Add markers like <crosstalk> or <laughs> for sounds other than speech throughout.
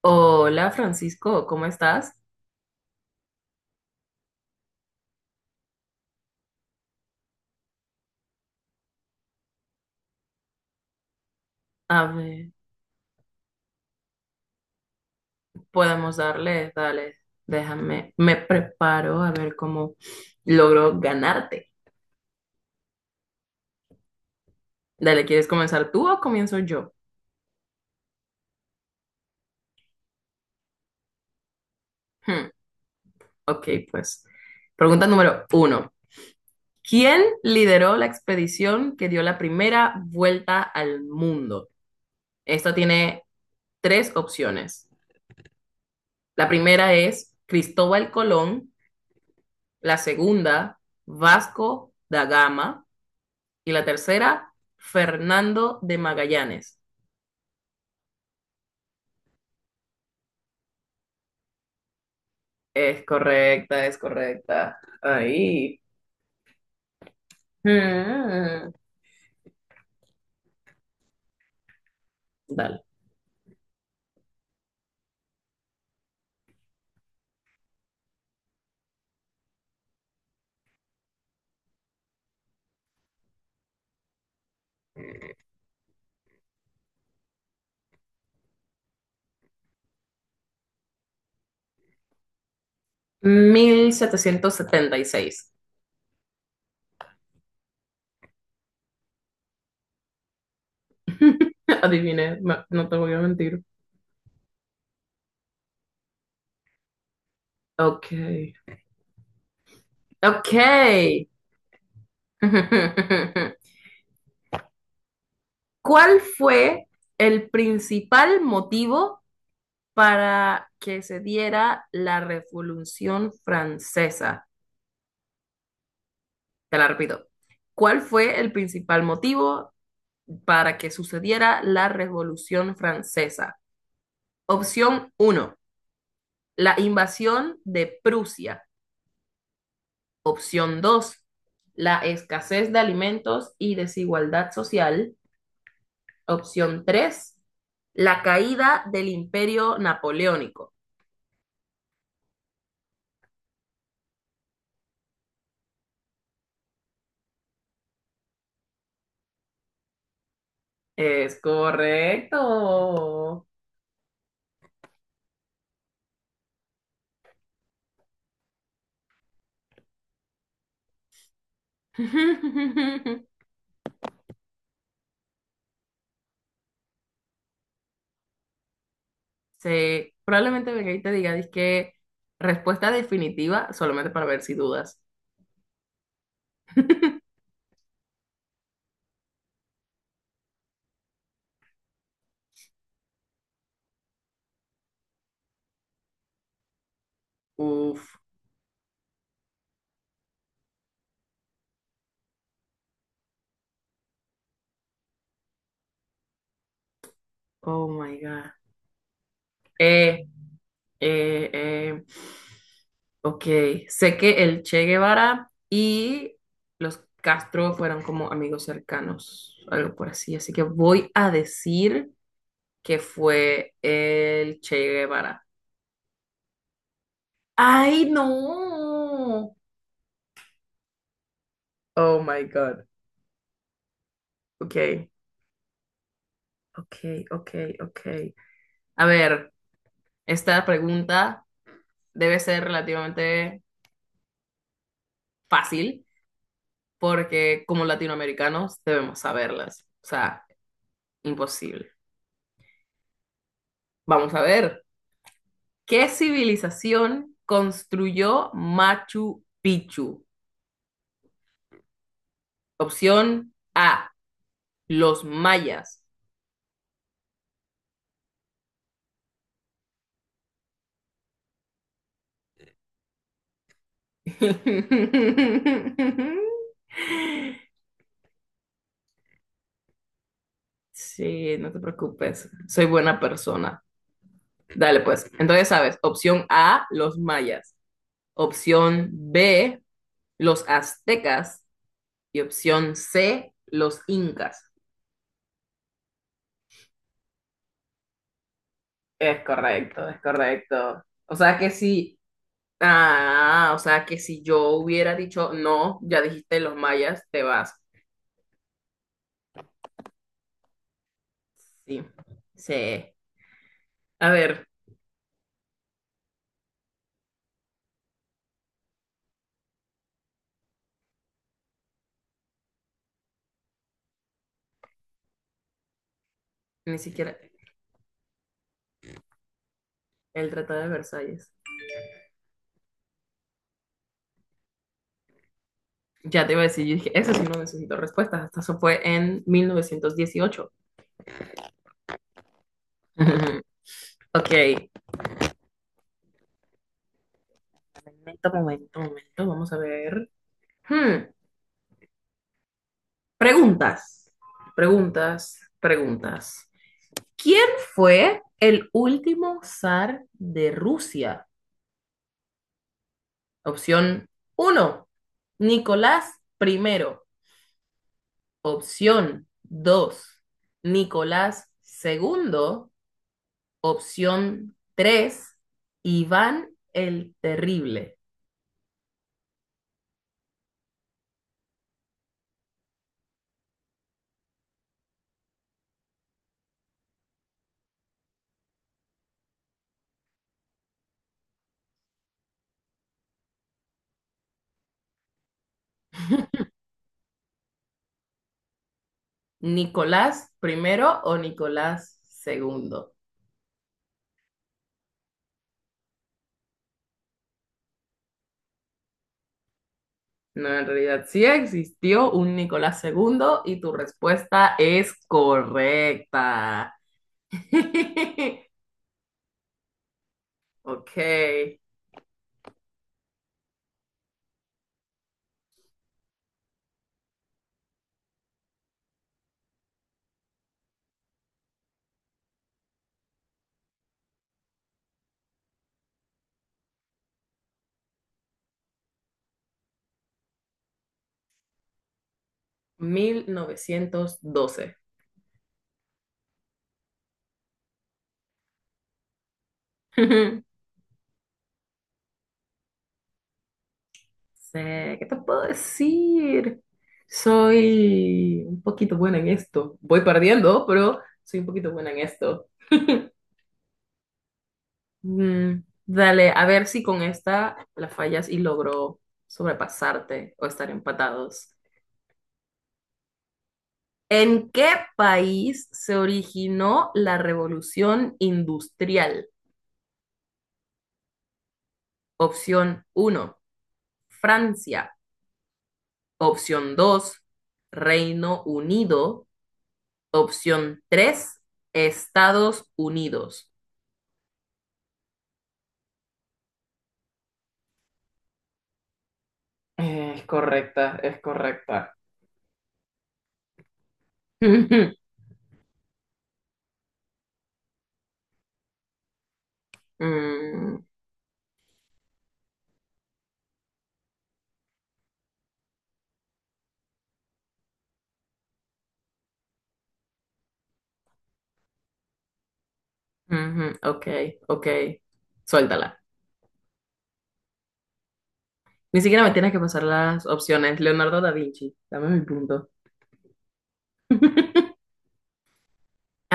Hola Francisco, ¿cómo estás? A ver, podemos darle, dale, déjame, me preparo a ver cómo logro ganarte. Dale, ¿quieres comenzar tú o comienzo yo? Hmm, ok, pues. Pregunta número uno. ¿Quién lideró la expedición que dio la primera vuelta al mundo? Esta tiene tres opciones. La primera es Cristóbal Colón, la segunda, Vasco da Gama. Y la tercera, Fernando de Magallanes. Es correcta, es correcta. Ahí. Mm, dale. 1776. <laughs> Adiviné, ma- no te voy a mentir. Ok. Ok. <laughs> ¿Cuál fue el principal motivo para que se diera la Revolución Francesa? Te la repito. ¿Cuál fue el principal motivo para que sucediera la Revolución Francesa? Opción uno, la invasión de Prusia. Opción 2, la escasez de alimentos y desigualdad social. Opción 3, la caída del imperio napoleónico. Es correcto. <laughs> Sí, probablemente venga y te diga, es que respuesta definitiva, solamente para ver si dudas. <laughs> Uf, oh my God. Eh, eh, eh, ok, sé que el Che Guevara y los Castro fueron como amigos cercanos, algo por así, así que voy a decir que fue el Che Guevara. ¡Ay, no! Oh my God. Ok, ok, ok, ok. A ver, esta pregunta debe ser relativamente fácil porque como latinoamericanos debemos saberlas, o sea, imposible. Vamos a ver, ¿qué civilización construyó Machu Picchu? Opción A, los mayas. <laughs> Sí, no te preocupes, soy buena persona. Dale, pues, entonces sabes, opción A, los mayas. Opción B, los aztecas. Y opción C, los incas. Es correcto, es correcto. O sea que sí. Ah, o sea que si yo hubiera dicho no, ya dijiste los mayas, te vas. Sí, sí. A ver, ni siquiera el Tratado de Versalles. Ya te iba a decir, yo dije, eso sí no necesito respuestas. Hasta eso fue en 1918. <laughs> Ok. Momento, momento, momento. Vamos a ver. Hmm, Preguntas. Preguntas, preguntas. ¿Quién fue el último zar de Rusia? Opción uno, Nicolás primero. Opción 2, Nicolás segundo. Opción 3, Iván el Terrible. Nicolás primero o Nicolás segundo. No, en realidad sí existió un Nicolás segundo y tu respuesta es correcta. <laughs> Ok, 1912. <laughs> Sé, ¿qué te puedo decir? Soy un poquito buena en esto. Voy perdiendo, pero soy un poquito buena en esto. Mm, dale, a ver si con esta la fallas y logro sobrepasarte o estar empatados. ¿En qué país se originó la revolución industrial? Opción uno: Francia. Opción 2: Reino Unido. Opción 3: Estados Unidos. Es correcta, es correcta. <laughs> Ujú. Mm, ujú, ok, ok. Suéltala. Ni siquiera me tienes que pasar las opciones. Leonardo da Vinci, dame mi punto. <laughs>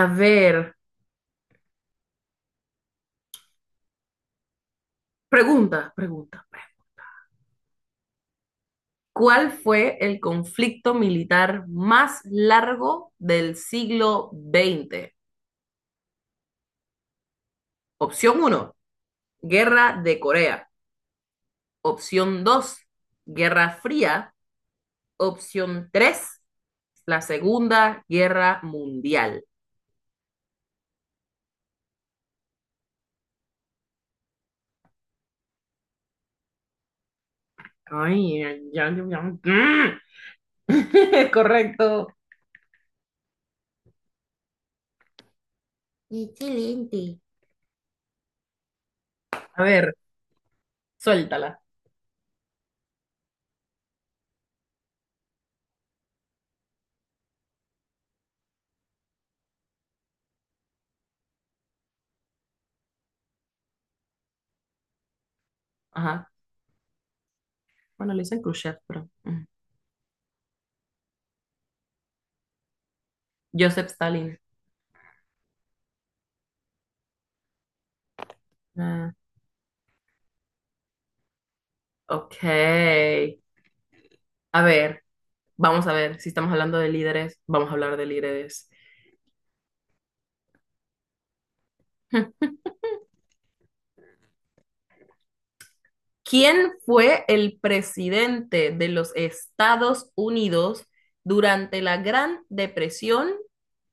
A ver, pregunta, pregunta. ¿Cuál fue el conflicto militar más largo del siglo XX? Opción uno: Guerra de Corea. Opción 2: Guerra Fría. Opción tres, la Segunda Guerra Mundial. Ay, ya, ya, ya. <laughs> Correcto. Excelente. A ver, suéltala. Ajá. Bueno, le dicen Khrushchev, pero. Mm. Joseph Stalin. Ah, ok. A ver, vamos a ver si estamos hablando de líderes. Vamos a hablar de líderes. Hmm. ¿Quién fue el presidente de los Estados Unidos durante la Gran Depresión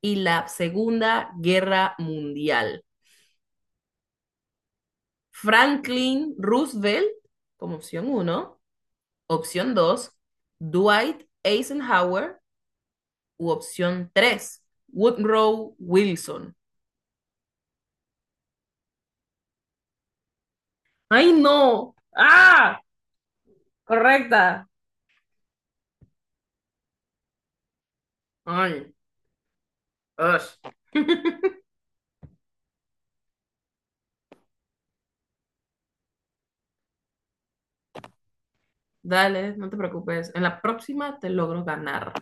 y la Segunda Guerra Mundial? Franklin Roosevelt, como opción uno, opción 2, Dwight Eisenhower u opción 3, Woodrow Wilson. ¡Ay, no! ¡Ah! Correcta. Ay, ush. Dale, no te preocupes. En la próxima te logro ganar.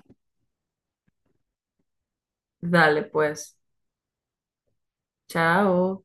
Dale, pues. Chao.